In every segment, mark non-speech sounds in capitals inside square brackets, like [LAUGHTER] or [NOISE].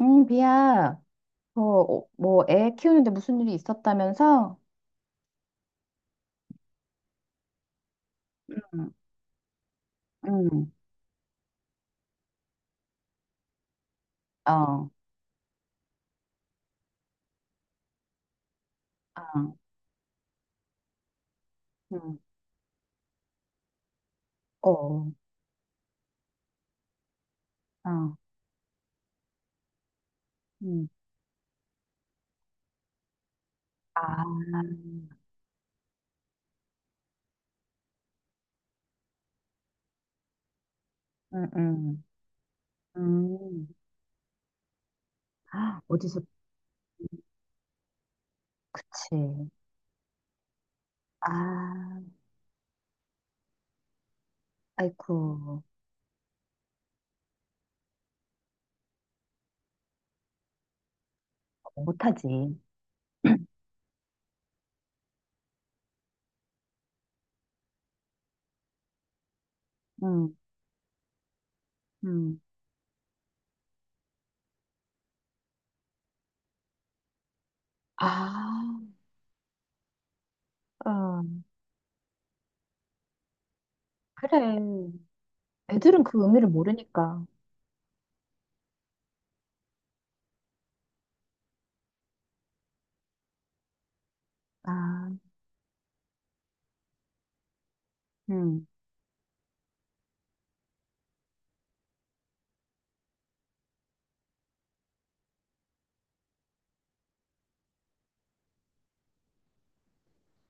응, 비야. 어, 어, 뭐, 애 키우는데 무슨 일이 있었다면서? 응, 응, 어, 어, 응, 어, 어, 응, 아, 응, 응, 응. 아, 어디서, 그치. 아, 아이쿠, 못하지. 응, 응. 아, 어, 그래. 애들은 그 의미를 모르니까. 아, 응,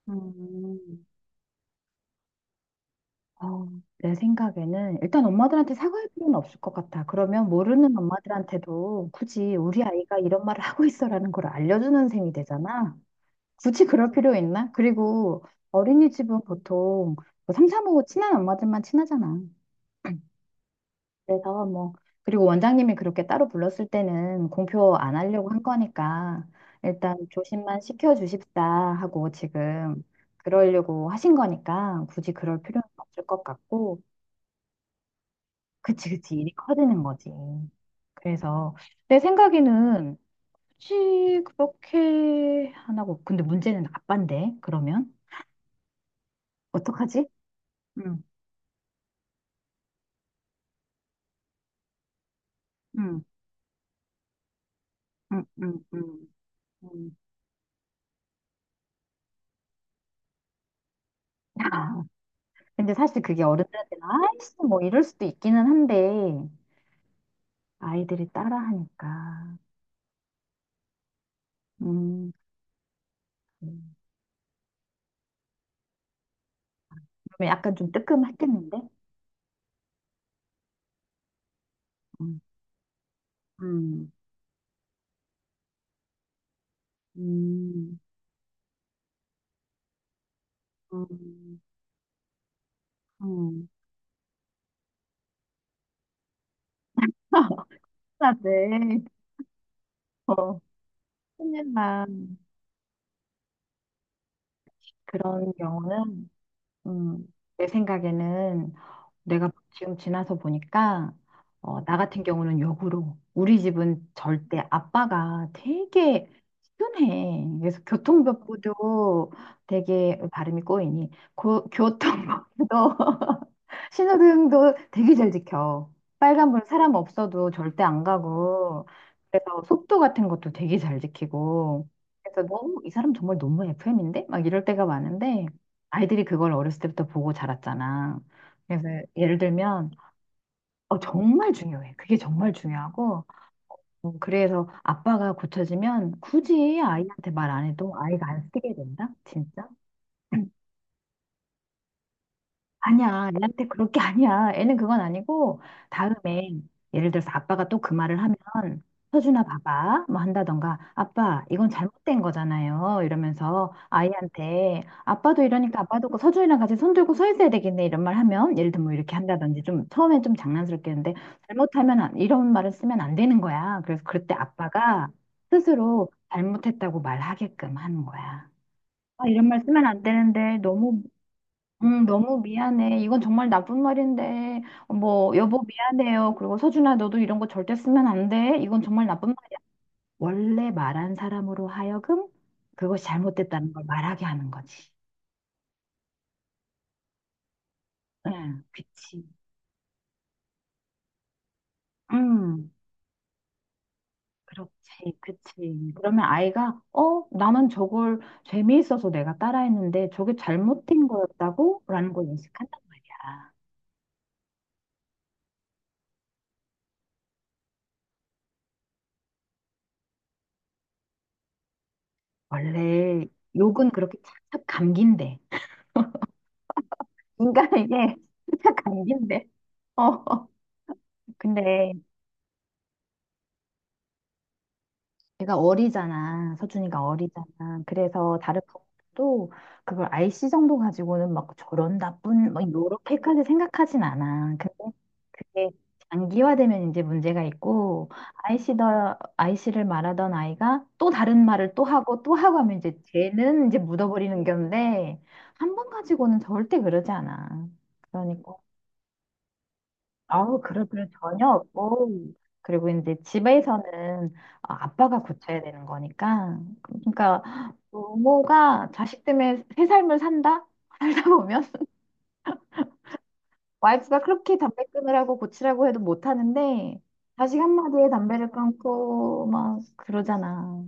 응. 어, 내 생각에는 일단 엄마들한테 사과할 필요는 없을 것 같아. 그러면 모르는 엄마들한테도 굳이 우리 아이가 이런 말을 하고 있어라는 걸 알려주는 셈이 되잖아. 굳이 그럴 필요 있나? 그리고 어린이집은 보통 뭐 삼삼오오 친한 엄마들만 친하잖아. 그래서 뭐 그리고 원장님이 그렇게 따로 불렀을 때는 공표 안 하려고 한 거니까 일단 조심만 시켜주십사 하고 지금 그러려고 하신 거니까 굳이 그럴 필요는 없을 것 같고. 그치, 그치. 일이 커지는 거지. 그래서 내 생각에는 굳이 그렇게 안 하고, 근데 문제는 아빠인데, 그러면? 어떡하지? 응, 응, 응, 응, 응. 응. [LAUGHS] 아, 근데 사실 그게 어른들한테는 아이씨 뭐 이럴 수도 있기는 한데 아이들이 따라하니까 음, 음. 그러면 약간 좀 뜨끔했겠는데? 음, 음, 음, 음, 음. [LAUGHS] 아, 네. 어, 큰일 나. 그런 경우는 음, 내 생각에는 내가 지금 지나서 보니까 어, 나 같은 경우는 역으로 우리 집은 절대 아빠가 되게 시원해. 그래서 교통법부도 되게 발음이 꼬이니 고, 교통법부도 신호등도 되게 잘 지켜. 빨간불 사람 없어도 절대 안 가고. 그래서 속도 같은 것도 되게 잘 지키고. 그래서 너무, 이 사람 정말 너무 FM인데? 막 이럴 때가 많은데, 아이들이 그걸 어렸을 때부터 보고 자랐잖아. 그래서 예를 들면, 어, 정말 중요해. 그게 정말 중요하고. 그래서 아빠가 고쳐지면 굳이 아이한테 말 안 해도 아이가 안 쓰게 된다? 진짜? 아니야, 애한테 그럴 게 아니야. 애는 그건 아니고, 다음에, 예를 들어서 아빠가 또 그 말을 하면, 서준아, 봐봐. 뭐 한다던가, 아빠, 이건 잘못된 거잖아요. 이러면서 아이한테, 아빠도 이러니까 아빠도 그 서준이랑 같이 손 들고 서 있어야 되겠네. 이런 말 하면, 예를 들면 뭐 이렇게 한다든지, 좀, 처음엔 좀 장난스럽게 했는데, 잘못하면, 이런 말을 쓰면 안 되는 거야. 그래서 그때 아빠가 스스로 잘못했다고 말하게끔 하는 거야. 아, 이런 말 쓰면 안 되는데, 너무 너무 미안해. 이건 정말 나쁜 말인데, 뭐, 여보 미안해요. 그리고 서준아, 너도 이런 거 절대 쓰면 안 돼. 이건 정말 나쁜 말이야. 원래 말한 사람으로 하여금 그것이 잘못됐다는 걸 말하게 하는 거지. 응, 그치. 음, 그렇지, 그치. 그러면 아이가, 어, 나는 저걸 재미있어서 내가 따라했는데 저게 잘못된 거였다고? 라는 걸 인식한단 말이야. 원래 욕은 그렇게 착착 감긴대. 인간에 이게 [LAUGHS] 살짝 감기인데. 어, 어. 근데 제가 어리잖아. 서준이가 어리잖아. 그래서 다른 부모도 그걸 IC 정도 가지고는 막 저런 나쁜, 막 이렇게까지 생각하진 않아. 근데 그게 장기화되면 이제 문제가 있고, IC더, 이씨를 말하던 아이가 또 다른 말을 또 하고 또 하고 하면 이제 쟤는 이제 묻어버리는 건데, 한 번 가지고는 절대 그러지 않아. 그러니까. 아우, 그럴 필요 전혀 없고. 그리고 이제 집에서는 아, 아빠가 고쳐야 되는 거니까. 그러니까 부모가 자식 때문에 새 삶을 산다? 살다 보면 [LAUGHS] 와이프가 그렇게 담배 끊으라고 고치라고 해도 못 하는데 자식 한마디에 담배를 끊고 막 그러잖아.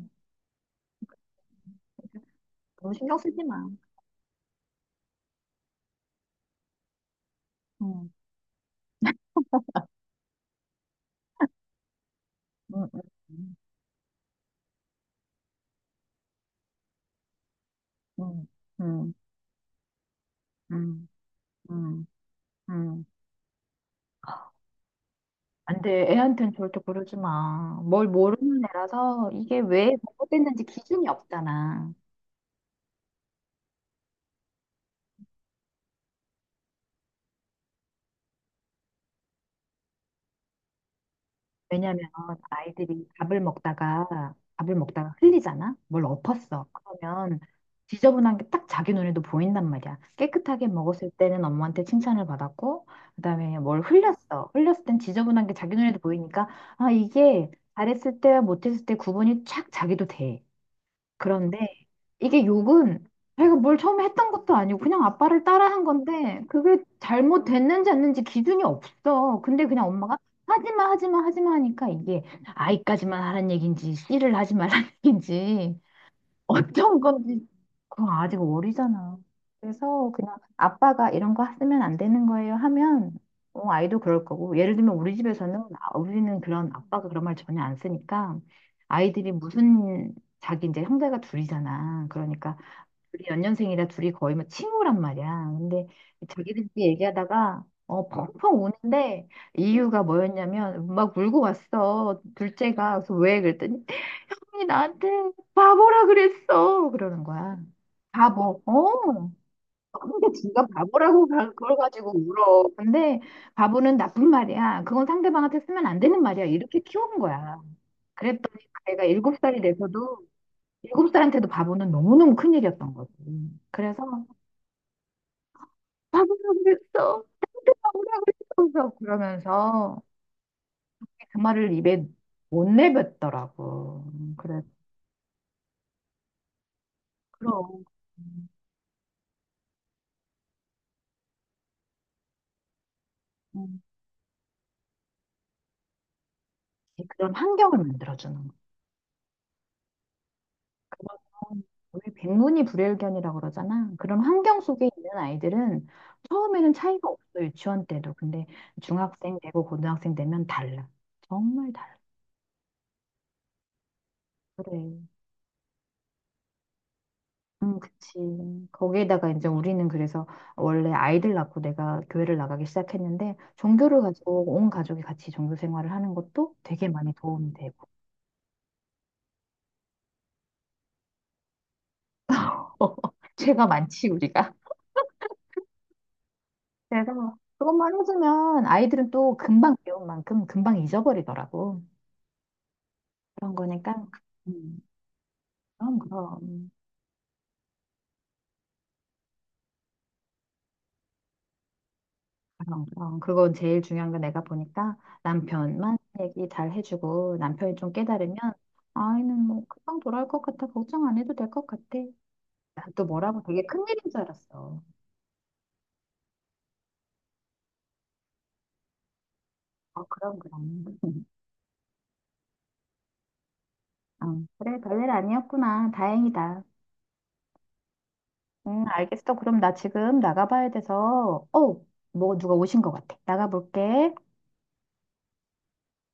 너무 신경 쓰지 마. 응, 응, 응, 응, 응, 응, 응, 응. 안 돼. 애한텐 절대 그러지 마. 뭘 모르는 애라서 이게 왜 잘못됐는지 기준이 없잖아. 왜냐면 아이들이 밥을 먹다가 흘리잖아. 뭘 엎었어. 그러면 지저분한 게 딱 자기 눈에도 보인단 말이야. 깨끗하게 먹었을 때는 엄마한테 칭찬을 받았고, 그다음에 뭘 흘렸어. 흘렸을 땐 지저분한 게 자기 눈에도 보이니까 아 이게 잘했을 때와 못했을 때 구분이 쫙 자기도 돼. 그런데 이게 욕은 자기가 뭘 처음에 했던 것도 아니고 그냥 아빠를 따라한 건데 그게 잘못됐는지 않는지 기준이 없어. 근데 그냥 엄마가 하지마 하지마 하지마 하니까 이게 아이까지만 하란 얘기인지 씨를 하지 말란 얘기인지 어떤 건지 그거 아직 어리잖아. 그래서 그냥 아빠가 이런 거 쓰면 안 되는 거예요 하면 어, 아이도 그럴 거고 예를 들면 우리 집에서는 아, 우리는 그런 아빠가 그런 말 전혀 안 쓰니까 아이들이 무슨 자기 이제 형제가 둘이잖아. 그러니까 둘이 연년생이라 둘이 거의 뭐 친구란 말이야. 근데 자기들끼리 얘기하다가 어, 펑펑 우는데 이유가 뭐였냐면 막 울고 왔어. 둘째가 그래서 왜 그랬더니 형이 나한테 바보라 그랬어. 그러는 거야. 바보. 어. 근데 지가 바보라고 그걸 가지고 울어. 근데 바보는 나쁜 말이야. 그건 상대방한테 쓰면 안 되는 말이야. 이렇게 키운 거야. 그랬더니 그 애가 일곱 살이 돼서도 일곱 살한테도 바보는 너무너무 큰일이었던 거지. 그래서 바보라고 그랬어. 나한테 바보라고 그랬어. 그러면서 그 말을 입에 못 내뱉더라고. 그래, 그럼. 음, 음. 그런 환경을 만들어주는 거. 우리 백문이 불여일견이라고 그러잖아. 그런 환경 속에 있는 아이들은 처음에는 차이가 없어, 유치원 때도. 근데 중학생 되고 고등학생 되면 달라. 정말 달라. 그래. 그치. 거기에다가 이제 우리는 그래서 원래 아이들 낳고 내가 교회를 나가기 시작했는데 종교를 가지고 온 가족이 같이 종교 생활을 하는 것도 되게 많이 도움이 되고 [LAUGHS] 죄가 많지 우리가. 그래서 그것만 해주면 아이들은 또 금방 배운 만큼 금방 잊어버리더라고. 그런 거니까. 음, 그럼 그럼. 어, 어, 그건 제일 중요한 거 내가 보니까 남편만 얘기 잘 해주고 남편이 좀 깨달으면 아이는 뭐 금방 돌아올 것 같아 걱정 안 해도 될 것 같아 난 또 뭐라고 되게 큰일인 줄 알았어 어 그럼 그럼 [LAUGHS] 어, 그래 별일 아니었구나 다행이다 응 알겠어 그럼 나 지금 나가봐야 돼서 어뭐 누가 오신 것 같아 나가볼게